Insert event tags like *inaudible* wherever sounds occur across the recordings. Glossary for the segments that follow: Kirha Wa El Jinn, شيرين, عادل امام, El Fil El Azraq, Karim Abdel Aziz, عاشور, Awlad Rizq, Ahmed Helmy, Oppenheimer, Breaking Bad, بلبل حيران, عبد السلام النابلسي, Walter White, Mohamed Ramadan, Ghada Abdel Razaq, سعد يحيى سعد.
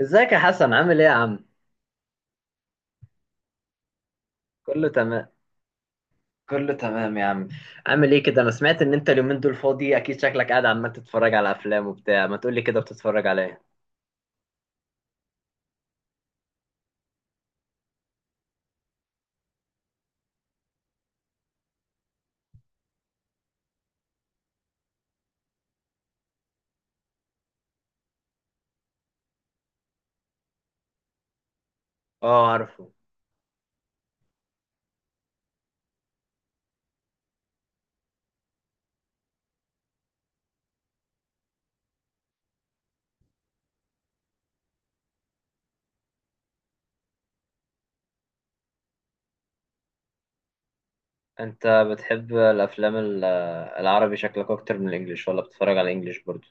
ازيك يا حسن، عامل ايه يا عم؟ كله تمام. كله تمام يا عم. عامل ايه كده؟ انا سمعت ان انت اليومين دول فاضي، اكيد شكلك قاعد عمال تتفرج على افلام وبتاع. ما تقولي كده، بتتفرج على ايه؟ اه عارفه. انت بتحب الافلام العربي شكلك، اكتر من الانجليش ولا بتتفرج على الانجليش برضو؟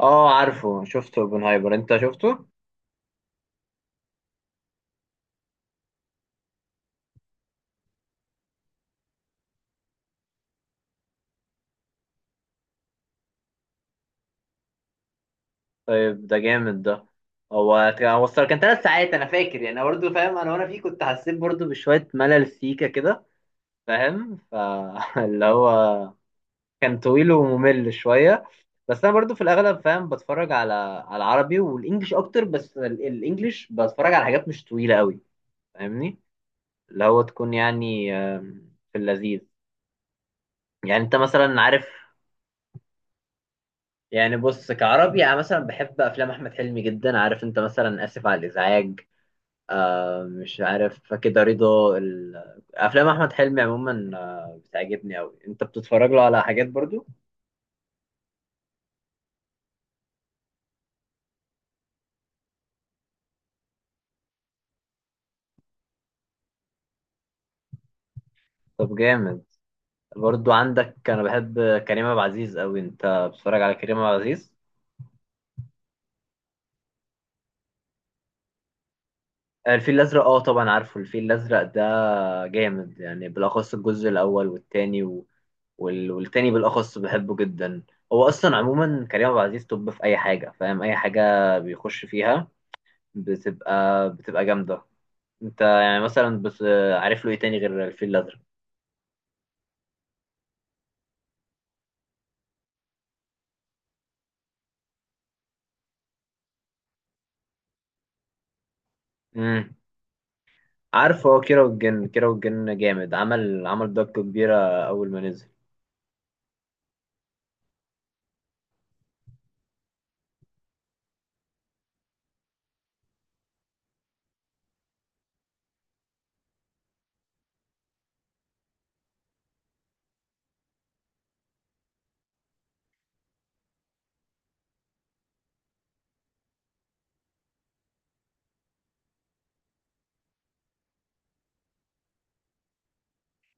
اه عارفه، شفته اوبنهايمر، انت شفته؟ طيب ده جامد ده. هو هو الصراحة كان 3 ساعات انا فاكر، يعني برضه فاهم انا، وانا فيه كنت حسيت برضه بشوية ملل سيكا كده، فاهم؟ فاللي *laughs* هو كان طويل وممل شويه. بس انا برضو في الاغلب، فاهم، بتفرج على العربي والانجليش اكتر. بس الانجليش بتفرج على حاجات مش طويله قوي، فاهمني؟ اللي هو تكون يعني، في اللذيذ. يعني انت مثلا عارف، يعني بص كعربي انا مثلا بحب افلام احمد حلمي جدا، عارف انت مثلا؟ اسف على الازعاج. آه، مش عارف كده، رضا افلام احمد حلمي عموما بتعجبني قوي، انت بتتفرج له على حاجات برضو؟ طب جامد. برضو عندك، انا بحب كريم عبد العزيز قوي، انت بتتفرج على كريم عبد العزيز؟ الفيل الازرق، اه طبعا عارفه، الفيل الازرق ده جامد يعني، بالاخص الجزء الاول والتاني والتاني بالاخص بحبه جدا. هو اصلا عموما كريم عبد العزيز طب في اي حاجه، فاهم، اي حاجه بيخش فيها بتبقى جامده. انت يعني مثلا، بس عارف له ايه تاني غير الفيل الازرق؟ امم. عارفه، هو كيرة والجن، كيرة والجن جامد، عمل ضجه كبيره اول ما نزل.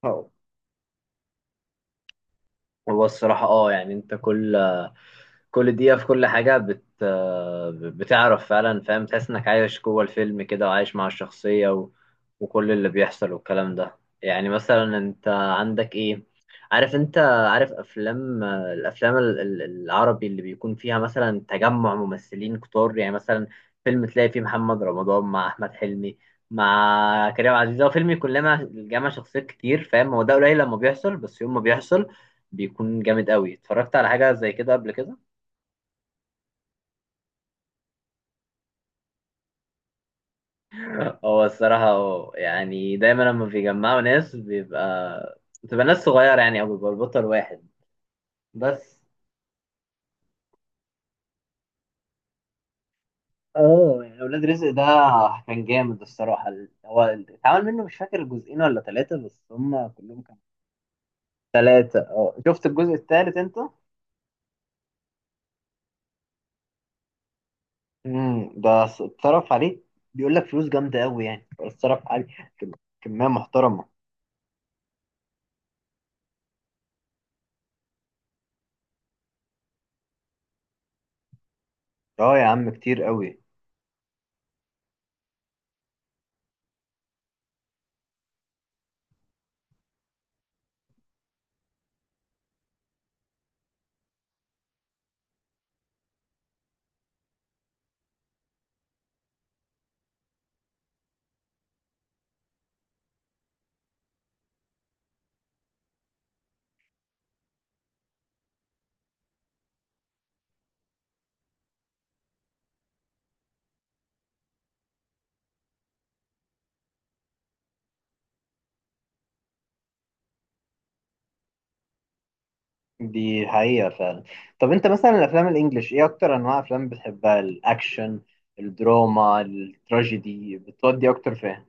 أو. هو الصراحة، يعني انت كل دقيقة في كل حاجة بتعرف فعلا، فاهم، تحس انك عايش جوه الفيلم كده، وعايش مع الشخصية وكل اللي بيحصل والكلام ده. يعني مثلا انت عندك ايه، عارف انت، عارف الافلام العربي اللي بيكون فيها مثلا تجمع ممثلين كتار، يعني مثلا فيلم تلاقي فيه محمد رمضان مع احمد حلمي مع كريم عبد العزيز، هو فيلم يكون لما جمع شخصيات كتير، فاهم؟ هو ده قليل لما بيحصل، بس يوم ما بيحصل بيكون جامد قوي. اتفرجت على حاجة زي كده قبل كده؟ *laughs* هو الصراحة، يعني دايما لما بيجمعوا ناس بتبقى ناس صغيرة يعني، او بيبقى البطل واحد بس. اه يعني ولاد رزق ده كان جامد الصراحة. هو اتعمل منه مش فاكر جزئين ولا ثلاثة، بس هم كلهم كانوا ثلاثة. اه شفت الجزء الثالث انت؟ ده اتصرف عليه، بيقول لك فلوس جامدة قوي يعني، اتصرف عليه كمية محترمة. اه يا عم كتير قوي. دي حقيقة فعلا. طب انت مثلا الافلام الانجليش، ايه اكتر انواع افلام بتحبها، الاكشن، الدراما، التراجيدي، بتودي اكتر فين؟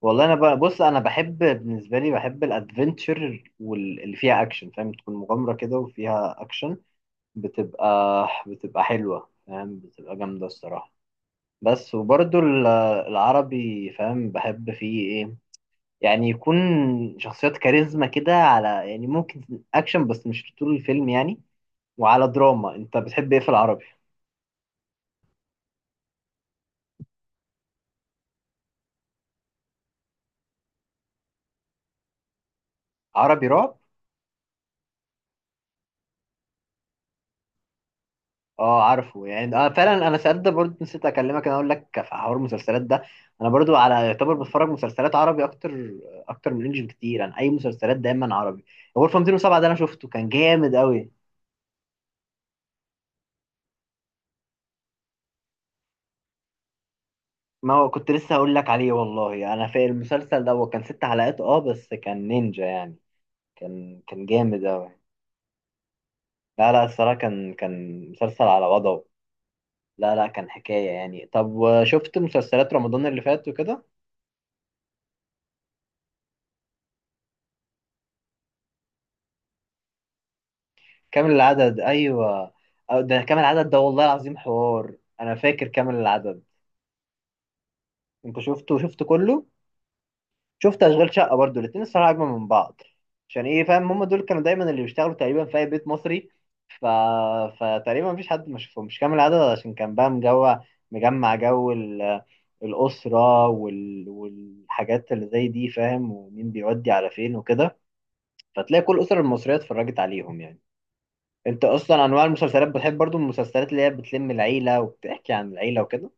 والله انا بقى، بص، انا بحب بالنسبة لي، بحب الادفنتشر واللي فيها اكشن، فاهم، تكون مغامرة كده وفيها اكشن، بتبقى بتبقى حلوة، فاهم، بتبقى جامدة الصراحة. بس وبرضو العربي، فاهم، بحب فيه ايه يعني، يكون شخصيات كاريزما كده على، يعني ممكن اكشن بس مش طول الفيلم يعني. وعلى دراما انت بتحب ايه في العربي؟ عربي رعب، اه عارفه، يعني فعلا. انا ساعات ده برضه، نسيت اكلمك، انا اقول لك في حوار المسلسلات ده، انا برضه على يعتبر بتفرج مسلسلات عربي اكتر، من انجلش بكتير، انا اي مسلسلات دايما عربي. غرفه 207 ده انا شفته كان جامد قوي. ما هو كنت لسه هقول لك عليه، والله. انا في المسلسل ده، هو كان 6 حلقات اه بس كان نينجا يعني. كان جامد قوي. لا لا الصراحه، كان مسلسل على وضعه. لا لا كان حكايه يعني. طب شفت مسلسلات رمضان اللي فات وكده؟ كامل العدد ايوه. أو ده كامل العدد، ده والله العظيم حوار، انا فاكر كامل العدد. انت شفته، شفت كله؟ شفت اشغال شقه برضو، الاتنين الصراحه اجمل من بعض. عشان ايه، فاهم، هم دول كانوا دايما اللي بيشتغلوا تقريبا في اي بيت مصري، ف... فتقريبا مفيش حد ما شافهمش كامل العدد، عشان كان بقى مجمع جو الاسره والحاجات اللي زي دي، فاهم، ومين بيودي على فين وكده، فتلاقي كل الاسر المصريه اتفرجت عليهم يعني. انت اصلا انواع المسلسلات بتحب برضو المسلسلات اللي هي بتلم العيله وبتحكي عن العيله وكده؟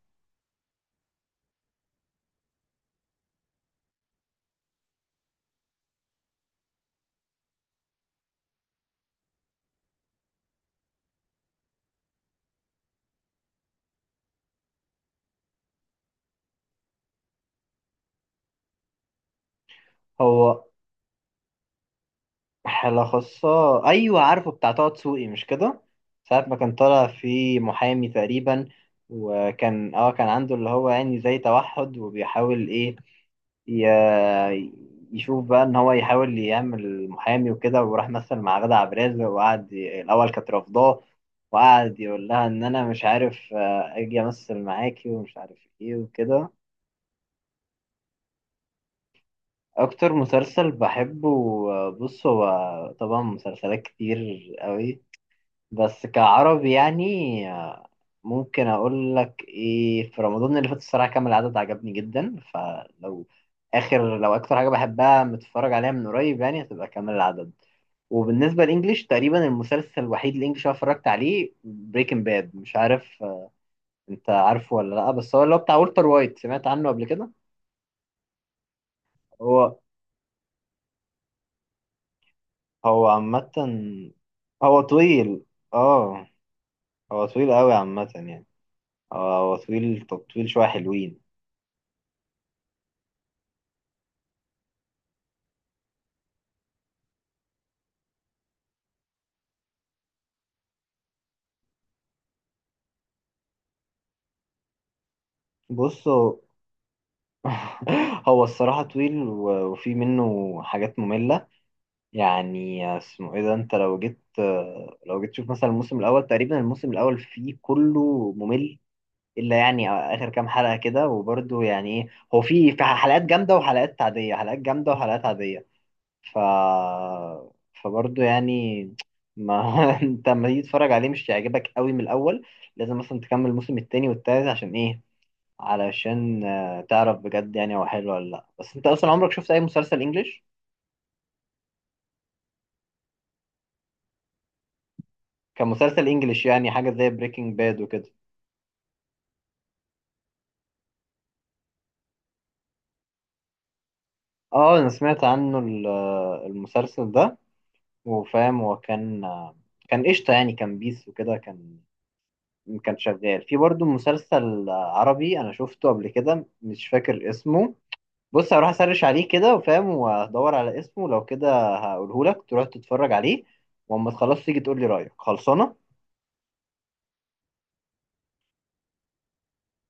هو حالة خاصة، ايوه عارفه، بتاع طه دسوقي مش كده، ساعة ما كان طالع في محامي تقريبا. وكان كان عنده اللي هو يعني زي توحد، وبيحاول ايه، ي- يشوف بقى ان هو يحاول يعمل محامي وكده، وراح مثل مع غادة عبد الرازق، وقعد الاول كانت رافضاه، وقعد يقول لها ان انا مش عارف اجي امثل معاكي، ومش عارف ايه وكده. اكتر مسلسل بحبه، بص هو، طبعا مسلسلات كتير قوي، بس كعربي يعني، ممكن اقول لك ايه، في رمضان اللي فات الصراحه كان العدد عجبني جدا. فلو اخر، لو اكتر حاجه بحبها متفرج عليها من قريب يعني، هتبقى كامل العدد. وبالنسبه للانجليش، تقريبا المسلسل الوحيد الانجليش اللي أنا اتفرجت عليه بريكنج باد. مش عارف انت عارفه ولا لا، بس هو اللي هو بتاع والتر وايت، سمعت عنه قبل كده؟ هو هو عامة، هو طويل، اه، هو طويل قوي عامة يعني. هو طويل، طب طويل شوية حلوين. بصوا. *laughs* هو الصراحة طويل وفي منه حاجات مملة يعني. اسمه ايه ده، انت لو جيت تشوف مثلا الموسم الأول، تقريبا الموسم الأول فيه كله ممل، إلا يعني آخر كام حلقة كده، وبرده يعني ايه. هو في حلقات جامدة وحلقات عادية، حلقات جامدة وحلقات عادية. ف فبرضه يعني، ما *laughs* انت لما تيجي تتفرج عليه مش هيعجبك قوي من الاول. لازم مثلا تكمل الموسم التاني والتالت، عشان ايه؟ علشان تعرف بجد يعني هو حلو ولا لا. بس انت اصلا عمرك شفت اي مسلسل انجليش كمسلسل انجليش، يعني حاجه زي بريكنج باد وكده؟ اه انا سمعت عنه المسلسل ده. وفاهم هو كان، كان قشطه يعني، كان بيس وكده، كان شغال في برضه مسلسل عربي انا شفته قبل كده، مش فاكر اسمه. بص هروح اسرش عليه كده، وفاهم، وهدور على اسمه، لو كده هقوله لك تروح تتفرج عليه. واما تخلص تيجي تقول لي رايك، خلصانه.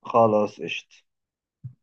خلاص قشطه.